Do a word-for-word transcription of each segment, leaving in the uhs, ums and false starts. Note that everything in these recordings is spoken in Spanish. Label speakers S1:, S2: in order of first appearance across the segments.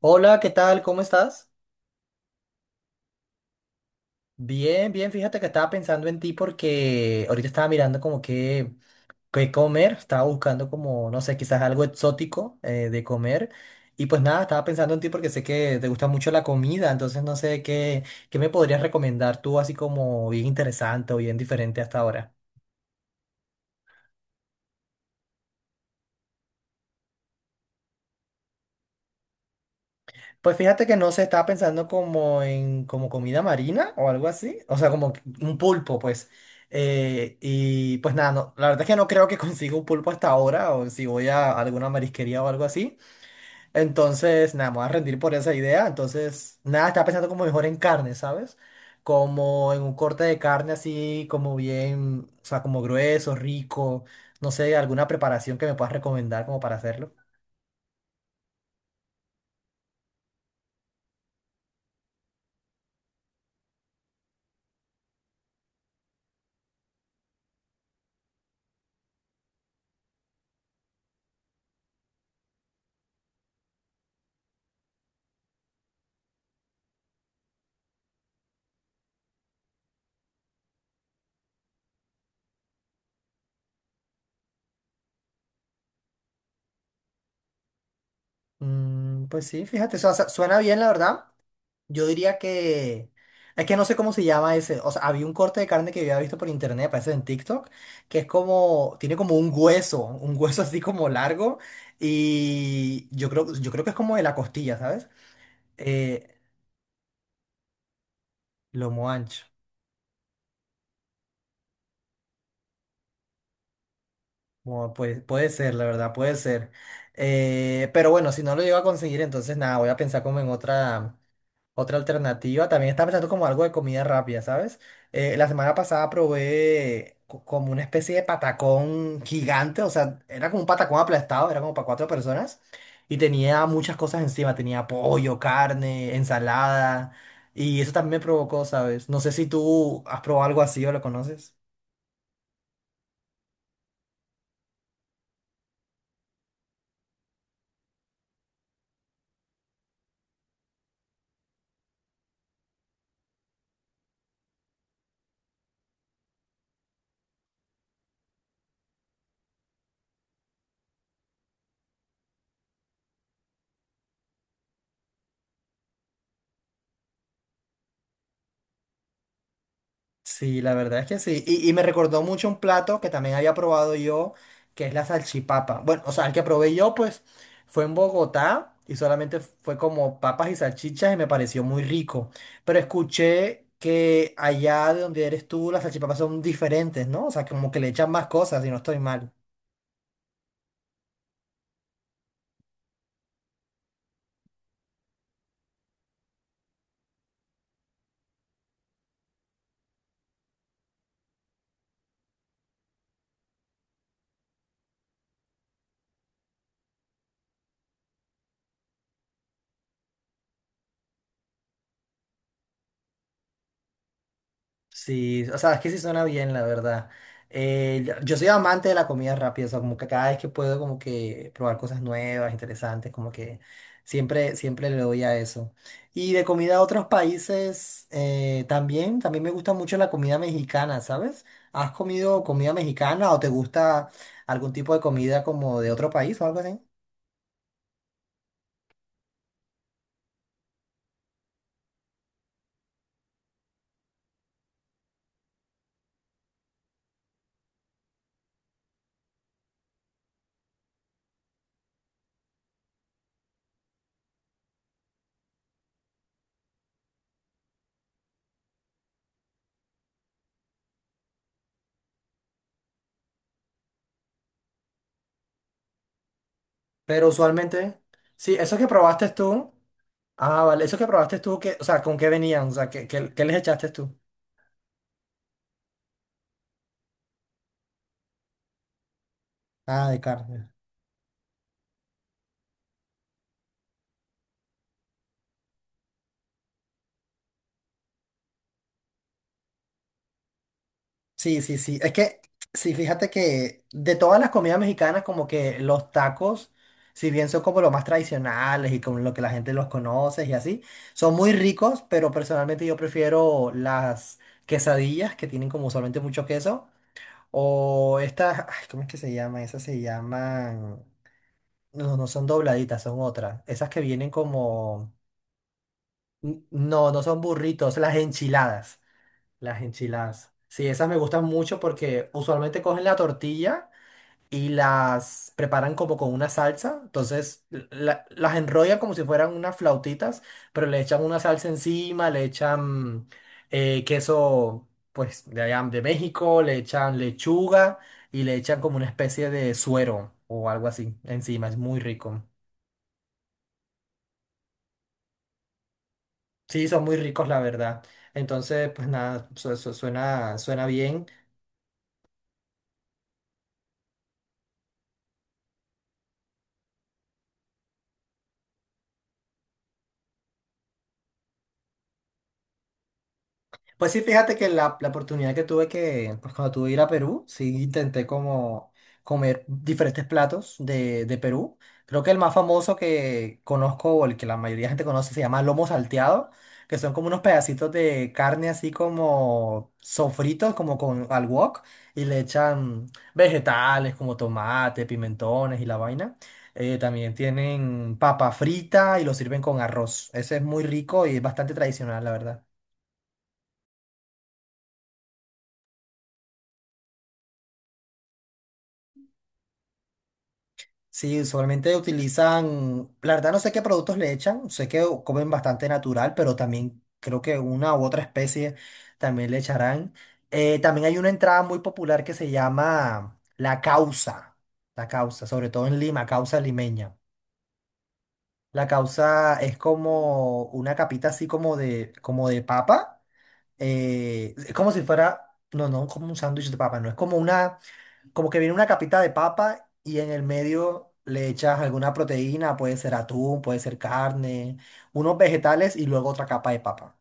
S1: Hola, ¿qué tal? ¿Cómo estás? Bien, bien, fíjate que estaba pensando en ti porque ahorita estaba mirando como qué, qué comer, estaba buscando como, no sé, quizás algo exótico eh, de comer y pues nada, estaba pensando en ti porque sé que te gusta mucho la comida, entonces no sé qué, qué me podrías recomendar tú así como bien interesante o bien diferente hasta ahora. Pues fíjate que no se estaba pensando como en como comida marina o algo así, o sea, como que un pulpo, pues. Eh, y pues nada, no, la verdad es que no creo que consiga un pulpo hasta ahora, o si voy a alguna marisquería o algo así. Entonces, nada, me voy a rendir por esa idea. Entonces, nada, estaba pensando como mejor en carne, ¿sabes? Como en un corte de carne así, como bien, o sea, como grueso, rico. No sé, alguna preparación que me puedas recomendar como para hacerlo. Mm, pues sí, fíjate, eso hace- suena bien, la verdad. Yo diría que... Es que no sé cómo se llama ese. O sea, había un corte de carne que yo había visto por internet, parece en TikTok, que es como... Tiene como un hueso, un hueso así como largo. Y yo creo, yo creo que es como de la costilla, ¿sabes? Eh, Lomo ancho. Bueno, pues, puede ser, la verdad, puede ser. Eh, pero bueno, si no lo llego a conseguir, entonces nada, voy a pensar como en otra... Otra alternativa, también estaba pensando como algo de comida rápida, ¿sabes? Eh, la semana pasada probé co- como una especie de patacón gigante, o sea, era como un patacón aplastado, era como para cuatro personas y tenía muchas cosas encima, tenía pollo, carne, ensalada y eso también me provocó, ¿sabes? No sé si tú has probado algo así o lo conoces. Sí, la verdad es que sí. Y, y me recordó mucho un plato que también había probado yo, que es la salchipapa. Bueno, o sea, el que probé yo, pues, fue en Bogotá y solamente fue como papas y salchichas y me pareció muy rico. Pero escuché que allá de donde eres tú, las salchipapas son diferentes, ¿no? O sea, como que le echan más cosas y no estoy mal. Sí, o sea, es que sí suena bien, la verdad. Eh, yo yo soy amante de la comida rápida, o sea, como que cada vez que puedo como que probar cosas nuevas, interesantes, como que siempre, siempre le doy a eso. Y de comida a otros países, eh, también, también me gusta mucho la comida mexicana, ¿sabes? ¿Has comido comida mexicana o te gusta algún tipo de comida como de otro país o algo así? Pero usualmente, sí, eso que probaste tú, ah, vale, eso que probaste tú, que, o sea, ¿con qué venían? O sea, ¿qué, qué, qué les echaste tú? Ah, de carne. Sí, sí, sí. Es que, sí, fíjate que de todas las comidas mexicanas, como que los tacos, si bien son como los más tradicionales y como lo que la gente los conoce y así, son muy ricos, pero personalmente yo prefiero las quesadillas que tienen como usualmente mucho queso. O estas, ay, ¿cómo es que se llaman? Esas se llaman. No, no son dobladitas, son otras. Esas que vienen como. n- No, no son burritos, las enchiladas. Las enchiladas. Sí, esas me gustan mucho porque usualmente cogen la tortilla y las preparan como con una salsa. Entonces la- las enrollan como si fueran unas flautitas, pero le echan una salsa encima, le echan eh, queso pues de allá de México, le echan lechuga y le echan como una especie de suero o algo así encima. Es muy rico. Sí, son muy ricos, la verdad. Entonces, pues nada, su- su- suena, suena bien. Pues sí, fíjate que la, la oportunidad que tuve que, pues cuando tuve que ir a Perú, sí intenté como comer diferentes platos de, de Perú. Creo que el más famoso que conozco o el que la mayoría de gente conoce se llama lomo salteado, que son como unos pedacitos de carne así como sofritos, como con al wok, y le echan vegetales como tomate, pimentones y la vaina. Eh, también tienen papa frita y lo sirven con arroz. Ese es muy rico y es bastante tradicional, la verdad. Sí, usualmente utilizan, la verdad no sé qué productos le echan, sé que comen bastante natural, pero también creo que una u otra especie también le echarán. Eh, también hay una entrada muy popular que se llama la causa, la causa, sobre todo en Lima, causa limeña. La causa es como una capita así como de, como de papa, eh, es como si fuera, no, no como un sándwich de papa, no, es como una como que viene una capita de papa y en el medio le echas alguna proteína, puede ser atún, puede ser carne, unos vegetales y luego otra capa de papa.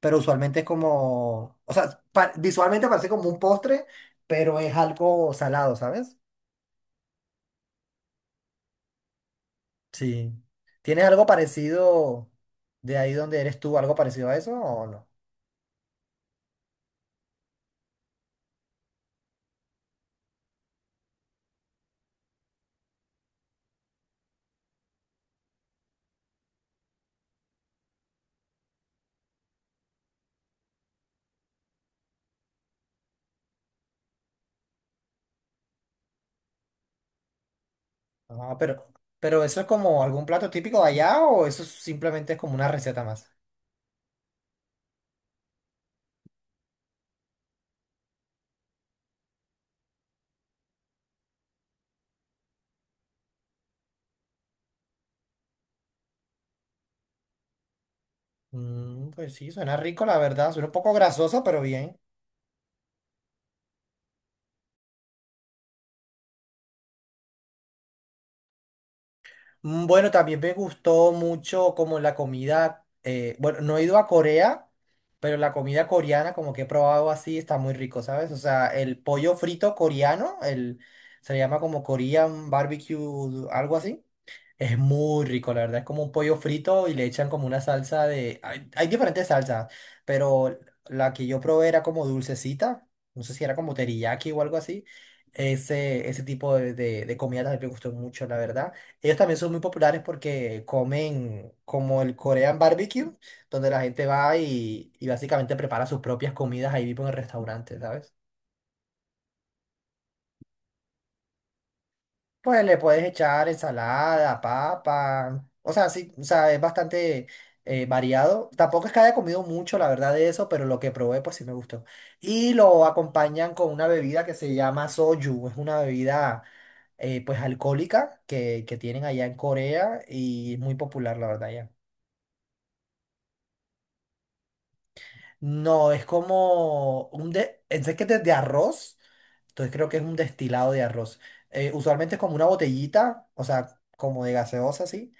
S1: Pero usualmente es como, o sea, pa- visualmente parece como un postre, pero es algo salado, ¿sabes? Sí. ¿Tienes algo parecido de ahí donde eres tú, algo parecido a eso o no? Ah, pero, pero eso es como algún plato típico de allá o eso es simplemente es como una receta más. Mm, pues sí, suena rico, la verdad. Suena un poco grasoso, pero bien. Mm, bueno, también me gustó mucho como la comida, eh, bueno, no he ido a Corea, pero la comida coreana como que he probado así está muy rico, ¿sabes? O sea, el pollo frito coreano, el, se le llama como Korean barbecue, algo así. Es muy rico, la verdad. Es como un pollo frito y le echan como una salsa de... Hay, hay diferentes salsas, pero la que yo probé era como dulcecita. No sé si era como teriyaki o algo así. Ese, ese tipo de, de, de comida también me gustó mucho, la verdad. Ellos también son muy populares porque comen como el Korean barbecue, donde la gente va y, y básicamente prepara sus propias comidas ahí mismo en el restaurante, ¿sabes? Pues le puedes echar ensalada, papa. O sea, sí, o sea, es bastante eh, variado. Tampoco es que haya comido mucho, la verdad, de eso, pero lo que probé, pues sí me gustó. Y lo acompañan con una bebida que se llama soju. Es una bebida, eh, pues, alcohólica que, que tienen allá en Corea y es muy popular, la verdad, ya. No, es como un de, es que de, de arroz, entonces creo que es un destilado de arroz. Eh, usualmente es como una botellita, o sea, como de gaseosa, así.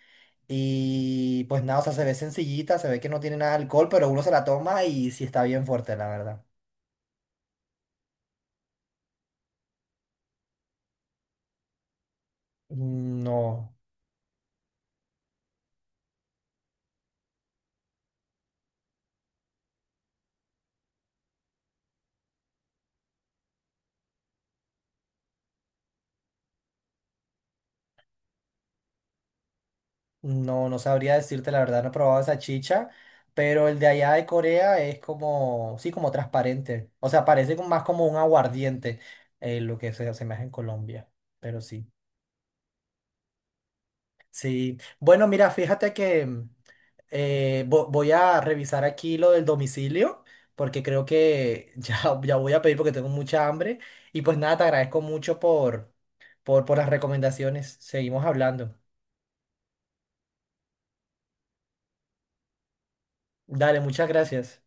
S1: Y pues nada, o sea, se ve sencillita, se ve que no tiene nada de alcohol, pero uno se la toma y sí está bien fuerte, la verdad. No, no, no sabría decirte, la verdad, no he probado esa chicha, pero el de allá de Corea es como, sí, como transparente. O sea, parece como- más como un aguardiente, eh, lo que se asemeja en Colombia, pero sí. Sí, bueno, mira, fíjate que mm, eh, vo- voy a revisar aquí lo del domicilio, porque creo que ya, ya voy a pedir porque tengo mucha hambre. Y pues nada, te agradezco mucho por, por, por las recomendaciones. Seguimos hablando. Dale, muchas gracias.